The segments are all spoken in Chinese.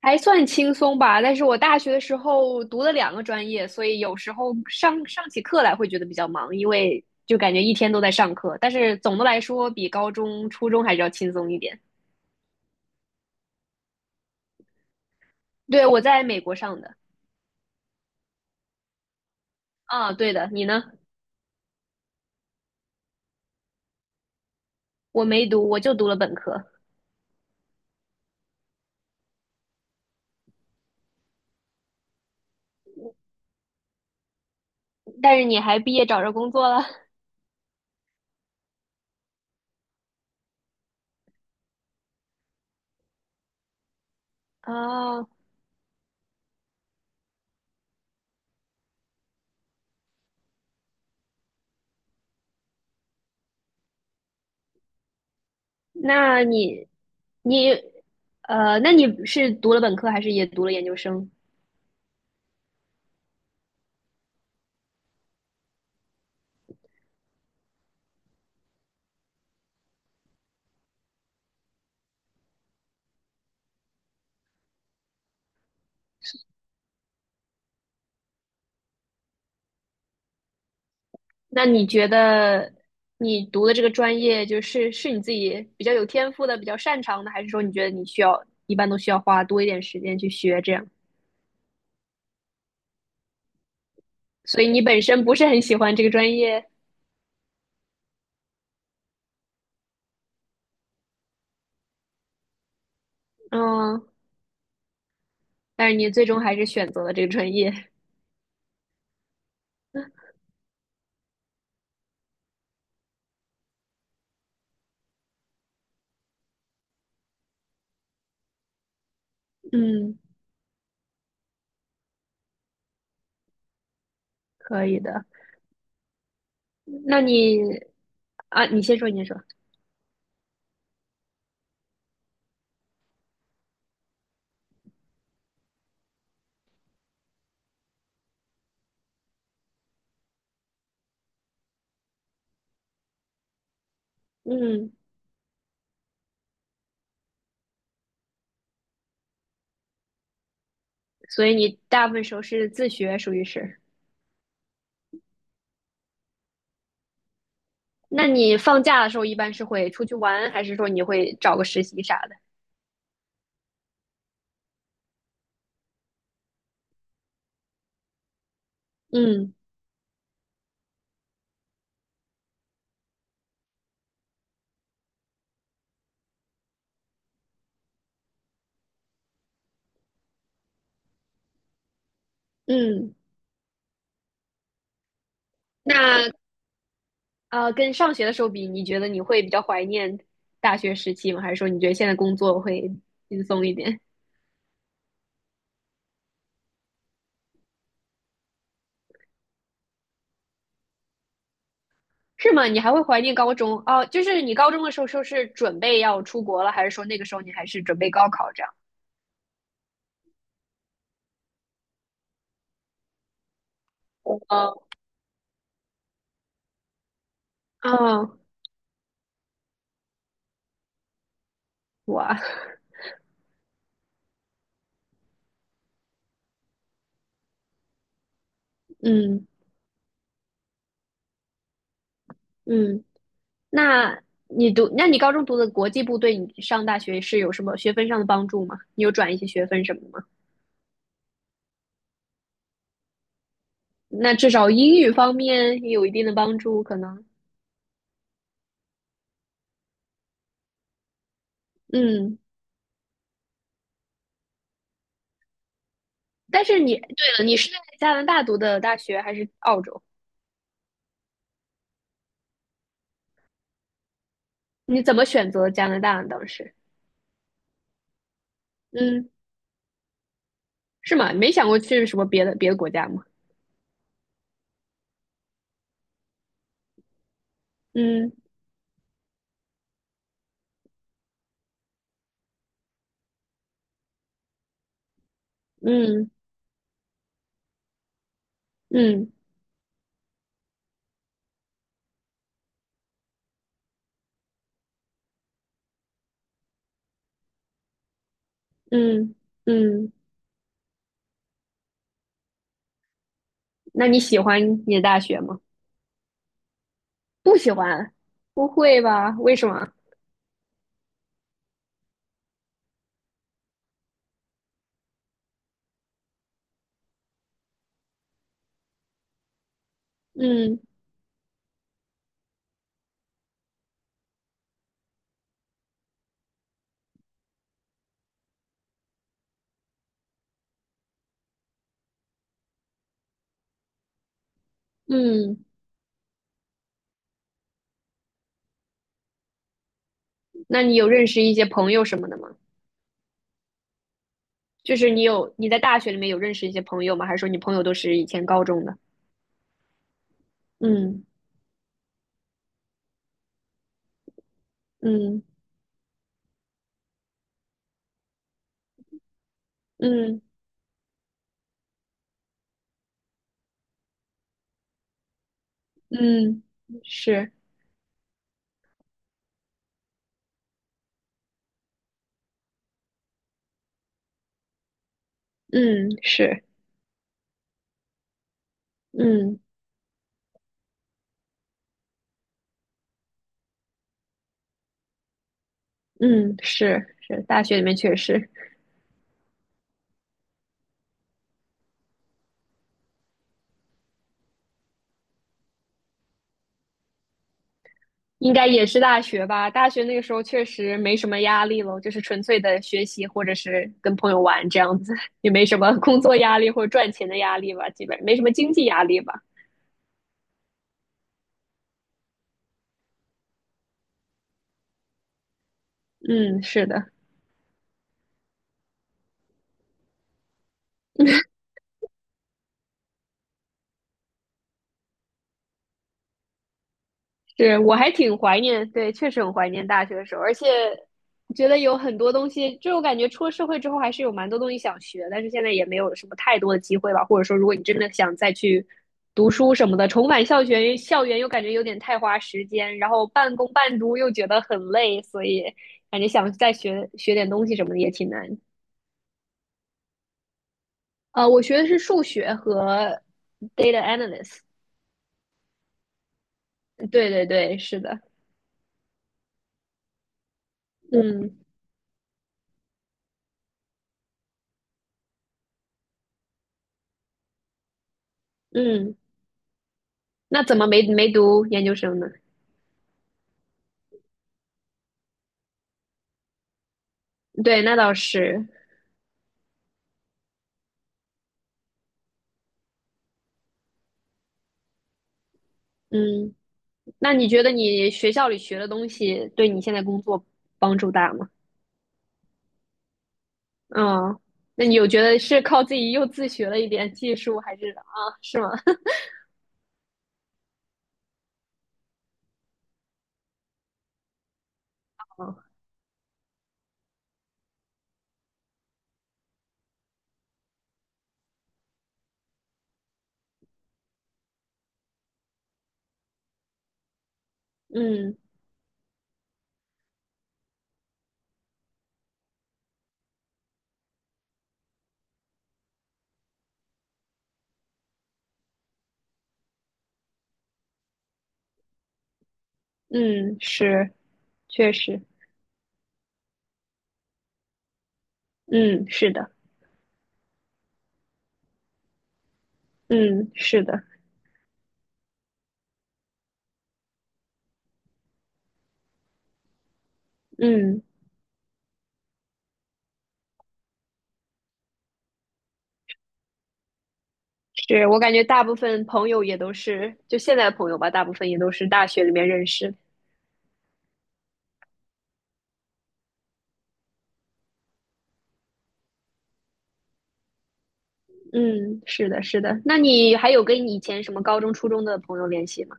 还算轻松吧，但是我大学的时候读了两个专业，所以有时候上起课来会觉得比较忙，因为就感觉一天都在上课。但是总的来说，比高中、初中还是要轻松一点。对，我在美国上的。啊，对的，你呢？我没读，我就读了本科。但是你还毕业找着工作了。啊？那你呃，那你是读了本科还是也读了研究生？那你觉得你读的这个专业，就是你自己比较有天赋的、比较擅长的，还是说你觉得你一般都需要花多一点时间去学这样？所以你本身不是很喜欢这个专业。嗯，但是你最终还是选择了这个专业。嗯，可以的。那你啊，你先说，嗯，所以你大部分时候是自学，属于是。那你放假的时候一般是会出去玩，还是说你会找个实习啥的？嗯。嗯。那呃，跟上学的时候比，你觉得你会比较怀念大学时期吗？还是说你觉得现在工作会轻松一点？是吗？你还会怀念高中？哦，就是你高中的时候，说是准备要出国了，还是说那个时候你还是准备高考这样？哦。哦，哇，嗯。嗯，那那你高中读的国际部对你上大学是有什么学分上的帮助吗？你有转一些学分什么的吗？那至少英语方面也有一定的帮助，可能。嗯。但是你，对了，你是在加拿大读的大学还是澳洲？你怎么选择加拿大呢？当时。嗯，是吗？没想过去什么别的国家吗？嗯。嗯。嗯。嗯。嗯，那你喜欢你的大学吗？不喜欢，不会吧？为什么？嗯。嗯，那你有认识一些朋友什么的吗？就是你在大学里面有认识一些朋友吗？还是说你朋友都是以前高中的？嗯。嗯。嗯。嗯，是，嗯是。嗯。嗯，是是，大学里面确实应该也是大学吧。大学那个时候确实没什么压力了，就是纯粹的学习或者是跟朋友玩这样子，也没什么工作压力或者赚钱的压力吧，基本没什么经济压力吧。嗯，是的。是，我还挺怀念，对，确实很怀念大学的时候，而且觉得有很多东西，就我感觉出了社会之后还是有蛮多东西想学，但是现在也没有什么太多的机会吧。或者说，如果你真的想再去读书什么的，重返校园，校园又感觉有点太花时间，然后半工半读又觉得很累，所以感觉想再学学点东西什么的也挺难。呃，我学的是数学和 data analyst。对对对，是的。嗯。嗯，那怎么没读研究生呢？对，那倒是。嗯，那你觉得你学校里学的东西对你现在工作帮助大吗？嗯，那你有觉得是靠自己又自学了一点技术，还是啊，是吗？嗯。嗯，是，确实，嗯，是的，嗯，是的，嗯，是我感觉大部分朋友也都是，就现在的朋友吧，大部分也都是大学里面认识的。嗯，是的，是的。那你还有跟你以前什么高中、初中的朋友联系吗？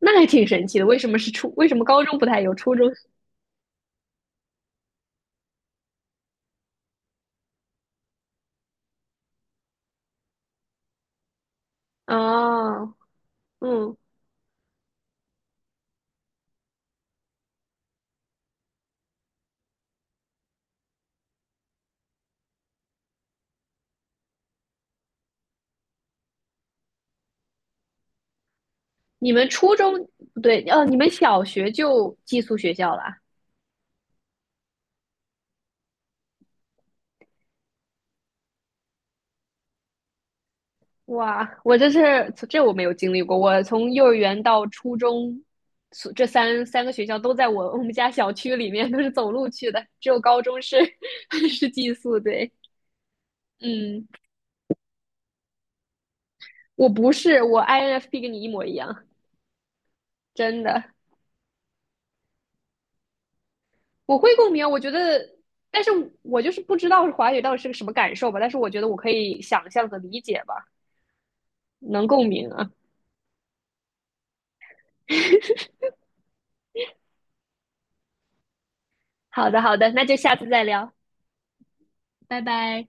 那还挺神奇的。为什么是初？为什么高中不太有，初中？啊？嗯，你们初中不对，哦，你们小学就寄宿学校啦？哇，我这是这我没有经历过，我从幼儿园到初中，所这三个学校都在我们家小区里面，都是走路去的，只有高中是 是寄宿。对，嗯，我不是，我 INFP 跟你一模一样，真的。我会共鸣，我觉得，但是我就是不知道华语到底是个什么感受吧，但是我觉得我可以想象和理解吧，能共鸣啊。好的，好的，那就下次再聊，拜拜。